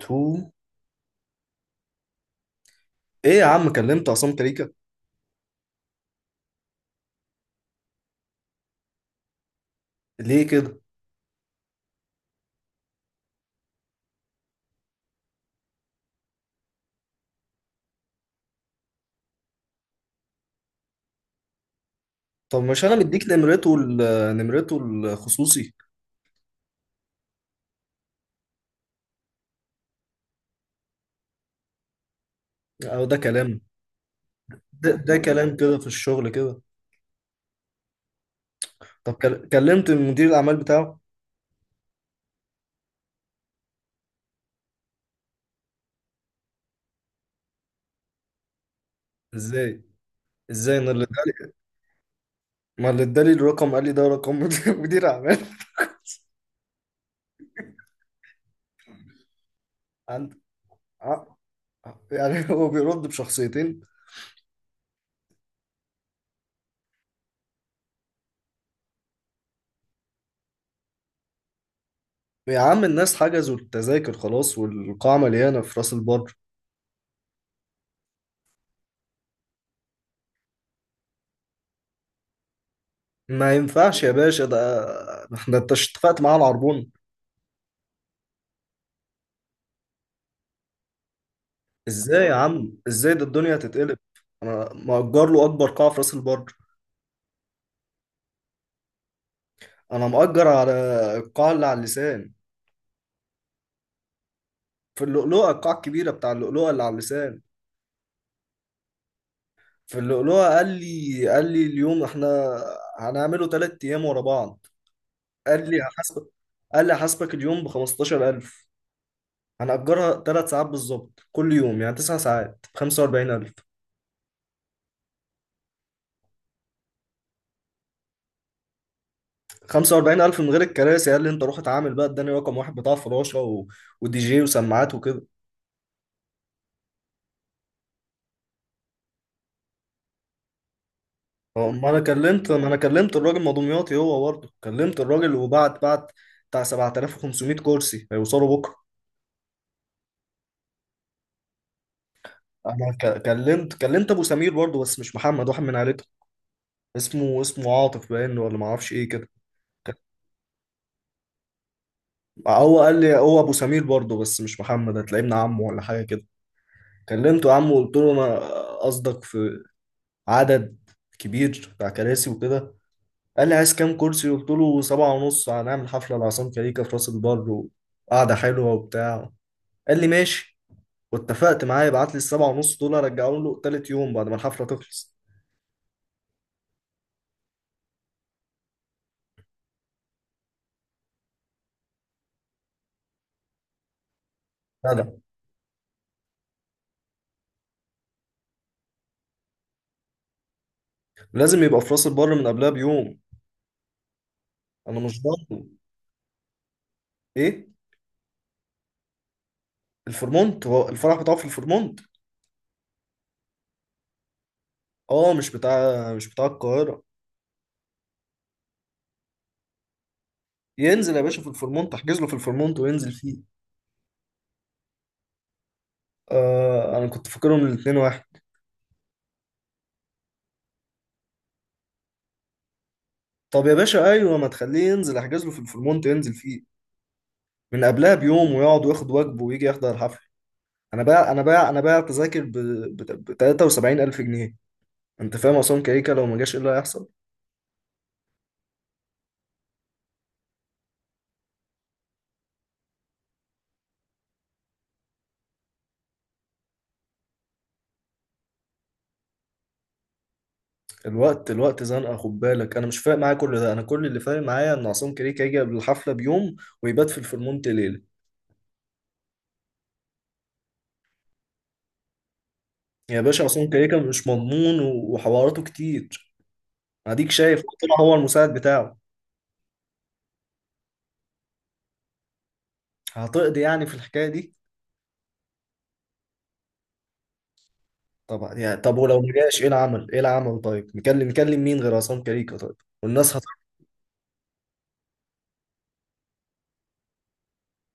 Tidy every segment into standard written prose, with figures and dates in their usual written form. تو ايه يا عم، كلمت عصام كريكا؟ ليه كده؟ طب مش انا مديك نمرته نمرته الخصوصي؟ او ده كلام؟ ده كلام كده في الشغل كده؟ طب كلمت مدير الاعمال بتاعه؟ ازاي ازاي، انا اللي ادالي؟ ما اللي ادالي الرقم قال لي ده رقم مدير اعمال. عند ع- يعني هو بيرد بشخصيتين؟ يا عم، الناس حجزوا التذاكر خلاص والقاعة مليانة في راس البر. ما ينفعش يا باشا ده. احنا، انت اتفقت معاه على العربون. ازاي يا عم؟ ازاي؟ ده الدنيا هتتقلب. انا مأجر له اكبر قاعة في راس البر. انا مأجر على القاعة اللي على اللسان. في اللؤلؤة، القاعة الكبيرة بتاع اللؤلؤة اللي على اللسان. في اللؤلؤة قال لي، اليوم احنا هنعمله 3 ايام ورا بعض. قال لي هحاسبك قال لي هحاسبك اليوم ب 15,000. هنأجرها 3 ساعات بالظبط كل يوم، يعني 9 ساعات ب 45,000. 45,000 من غير الكراسي. قال لي: انت روح اتعامل بقى. اداني رقم واحد بتاع فراشة ودي جي وسماعات وكده. هو ما انا كلمت الراجل مضومياطي، هو برضه كلمت الراجل وبعت بتاع 7,500 كرسي هيوصلوا بكره. انا كلمت ابو سمير برضه، بس مش محمد، واحد من عيلته. اسمه عاطف باين، ولا ما اعرفش ايه كده. ك- هو قال لي هو ابو سمير برضه، بس مش محمد، هتلاقيه ابن عمه ولا حاجه كده. كلمته يا عم وقلت له: انا قصدك في عدد كبير بتاع كراسي وكده. قال لي: عايز كام كرسي؟ قلت له: سبعة ونص، هنعمل حفله لعصام كاريكا في راس البر وقعده حلوه وبتاع. قال لي: ماشي. واتفقت معاه يبعت لي السبعة ونص دول، ارجعهم له تالت يوم بعد ما الحفلة تخلص. جدع. لازم يبقى في راس البر من قبلها بيوم. انا مش ضامن. ايه؟ الفورمونت؟ هو الفرح بتاعه في الفورمونت؟ اه، مش بتاع القاهرة؟ ينزل يا باشا في الفورمونت، احجز له في الفورمونت وينزل فيه. آه، انا كنت فاكرهم الاتنين واحد. طب يا باشا، ايوه، ما تخليه ينزل، احجز له في الفورمونت ينزل فيه من قبلها بيوم، ويقعد وياخد واجبه ويجي يحضر الحفلة. انا باع تذاكر ب 73 الف جنيه. انت فاهم عصام كيكه لو ما جاش ايه اللي هيحصل؟ الوقت الوقت زنقه، خد بالك. انا مش فارق معايا كل ده، انا كل اللي فارق معايا ان عصام كيكه يجي قبل الحفله بيوم ويبات في الفرمونت ليله. يا باشا، عصام كيكه مش مضمون، و- وحواراته كتير. اديك شايف، طلع هو المساعد بتاعه. هتقضي يعني في الحكايه دي؟ طب، ولو ما جاش ايه العمل؟ ايه العمل؟ طيب، نكلم مين غير عصام كيكه؟ طيب. والناس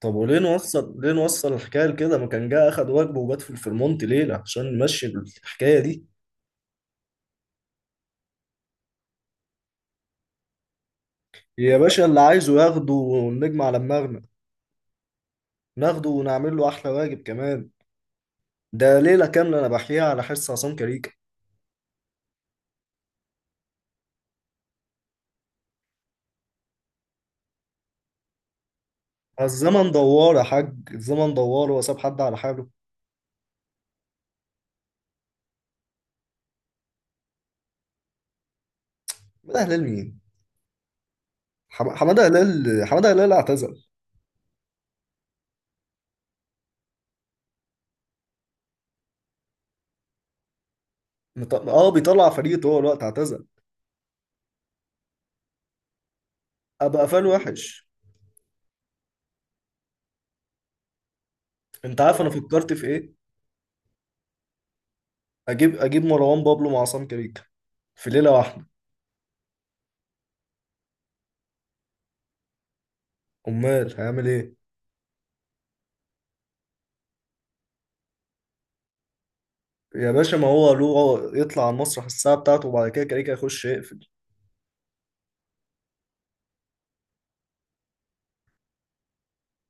طب، وليه نوصل الحكايه لكده؟ ما كان جه اخد واجبه وبات في الفرمونت ليله عشان نمشي الحكايه دي. يا باشا، اللي عايزه ياخده ونجمع على دماغنا، ناخده ونعمل له احلى واجب كمان. ده ليله كامله انا بحكيها على حس عصام كاريكا. الزمن دوار يا حاج، الزمن دوار، هو ساب حد على حاله؟ حماده هلال مين؟ حماده هلال اعتزل. بيطلع فريق طول الوقت، اعتزل. ابقى قفال وحش. انت عارف انا، فكرت في ايه؟ اجيب مروان بابلو مع عصام كاريكا في ليله واحده. امال هيعمل ايه؟ يا باشا، ما هو له يطلع على المسرح الساعه بتاعته، وبعد كده كاريكا يخش يقفل.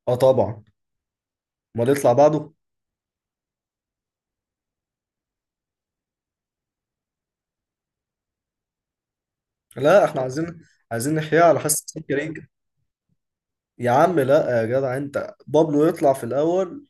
اه، طبعا. امال يطلع بعضه؟ لا، احنا عايزين نحياه على حس حسين كريم كده. يا عم لا يا جدع، انت بابلو يطلع في الاول،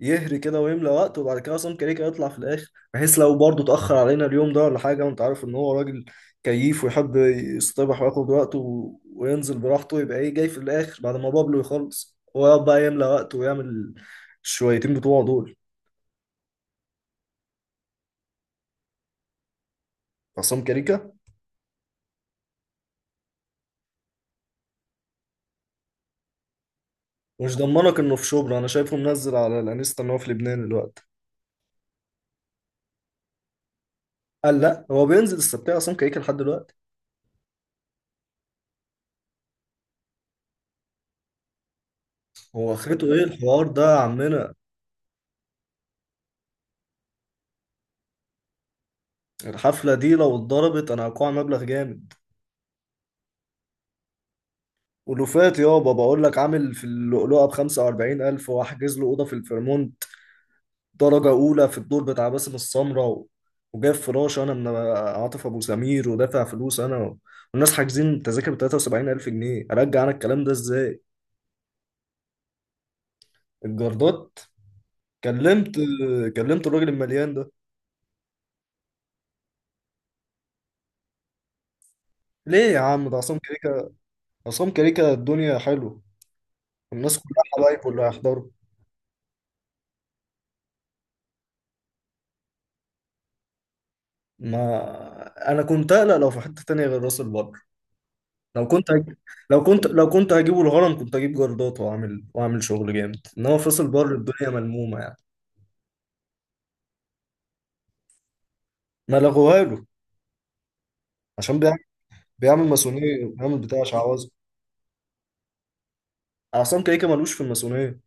يهري كده ويملى وقت، وبعد كده عصام كريكا يطلع في الاخر، بحيث لو برضه اتاخر علينا اليوم ده ولا حاجه، وانت عارف ان هو راجل كييف، ويحب يصطبح وياخد وقته و- وينزل براحته، يبقى ايه؟ جاي في الاخر بعد ما بابلو يخلص، هو يقعد بقى يملى وقته ويعمل الشويتين بتوعه دول. عصام كريكا، مش ضمنك انه في شبرا، انا شايفه منزل على الانستا ان هو في لبنان دلوقتي. قال لا، هو بينزل السبتية عصام كيكة لحد دلوقتي؟ هو اخرته ايه بجد الحوار ده يا عمنا؟ الحفلة دي لو اتضربت انا هقع مبلغ جامد. ولوفات يابا، بقول لك عامل في اللؤلؤة ب45,000، وأحجز له أوضة في الفيرمونت درجة أولى في الدور بتاع باسم السمرة، وجايب فراش أنا من عاطف أبو سمير، ودافع فلوس أنا والناس حاجزين تذاكر ب 73,000 جنيه، أرجع أنا الكلام ده إزاي؟ الجردات. كلمت كلمت الراجل المليان ده. ليه يا عم؟ ده عصام كريكة. عصام كريكة، الدنيا حلوة، الناس كلها حبايب اللي هيحضروا. ما انا كنت اقلق لو في حته تانية غير راس البر. لو كنت هج... لو كنت هجيبه الهرم كنت هجيب جردات واعمل شغل جامد، انما في راس البر الدنيا ملمومه يعني. ما لغوها له عشان بيعمل ماسونيه، بيعمل بتاع شعوذه. عصام كيكه ملوش في الماسونيه.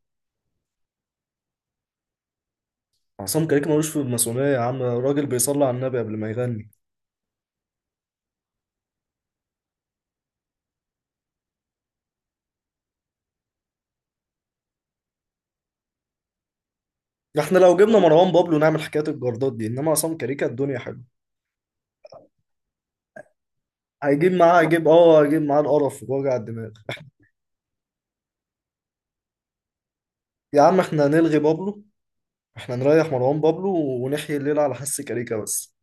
عصام كيكه ملوش في الماسونيه يا عم، راجل بيصلي على النبي قبل ما يغني. احنا لو جبنا مروان بابلو نعمل حكايه الجردات دي، انما عصام كيكه الدنيا حلوه. هيجيب معاه القرف ووجع الدماغ. يا عم احنا هنلغي بابلو، احنا نريح مروان بابلو، ونحيي الليلة على حس كاريكا بس.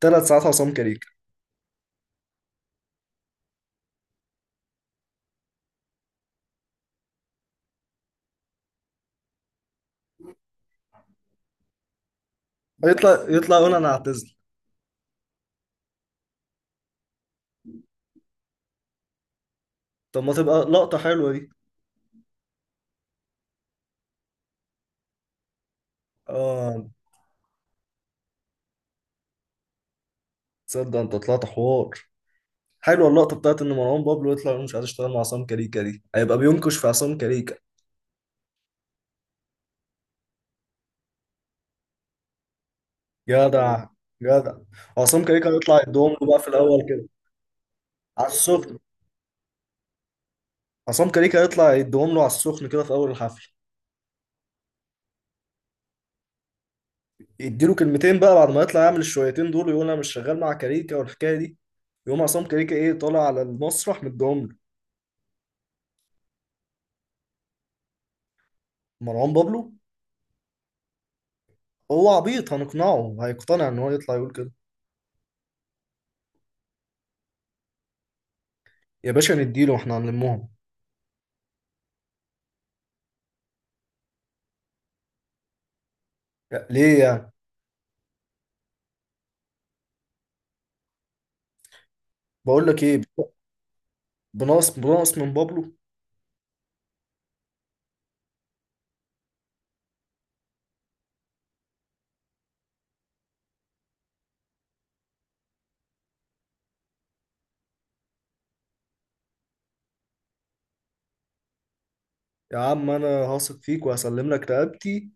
3 ساعات عصام كاريكا. يطلع يقول انا اعتزل. طب ما تبقى لقطة حلوة دي. اه، تصدق انت طلعت حوار؟ حلوة اللقطة بتاعت ان مروان بابلو يطلع يقول مش عايز اشتغل مع عصام كاريكا، دي هيبقى بينكش في عصام كاريكا. جدع، جدع. عصام كاريكا هيطلع يدوم له بقى في الاول كده. على السخن. عصام كاريكا هيطلع يدوم له على السخن كده في اول الحفل. يديله كلمتين بقى، بعد ما يطلع يعمل الشويتين دول ويقول انا مش شغال مع كاريكا والحكايه دي، يقوم عصام كاريكا ايه؟ طالع على المسرح، مديهم له. مروان بابلو، هو عبيط، هنقنعه هيقتنع ان هو يطلع يقول كده. يا باشا نديله، احنا هنلمهم. ليه يعني؟ بقول لك ايه. بناقص من بابلو. يا عم انا هثق فيك وهسلم لك رقبتي.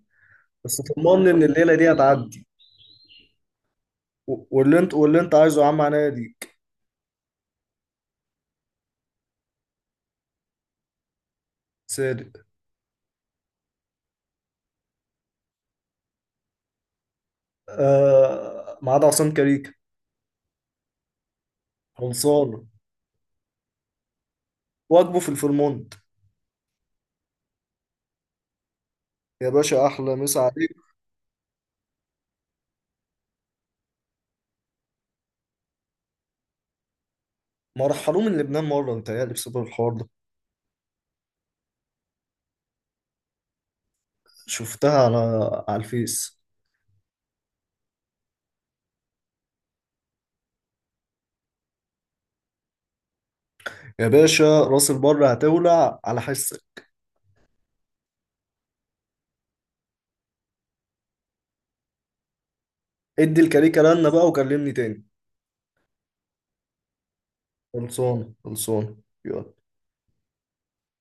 بس طمني ان الليله دي هتعدي، واللي انت عايزه يا عم عناية ليك. صادق. آه، ما عدا عصام كاريكا. خلصان. واجبه في الفرمون. يا باشا احلى مسا عليك. ما رحلوه من لبنان مره؟ متهيألي بسبب الحوار ده. شفتها على الفيس. يا باشا راس البر هتولع على حسك. ادي الكاريكا لنا بقى وكلمني تاني. خلصان، خلصان. يلا.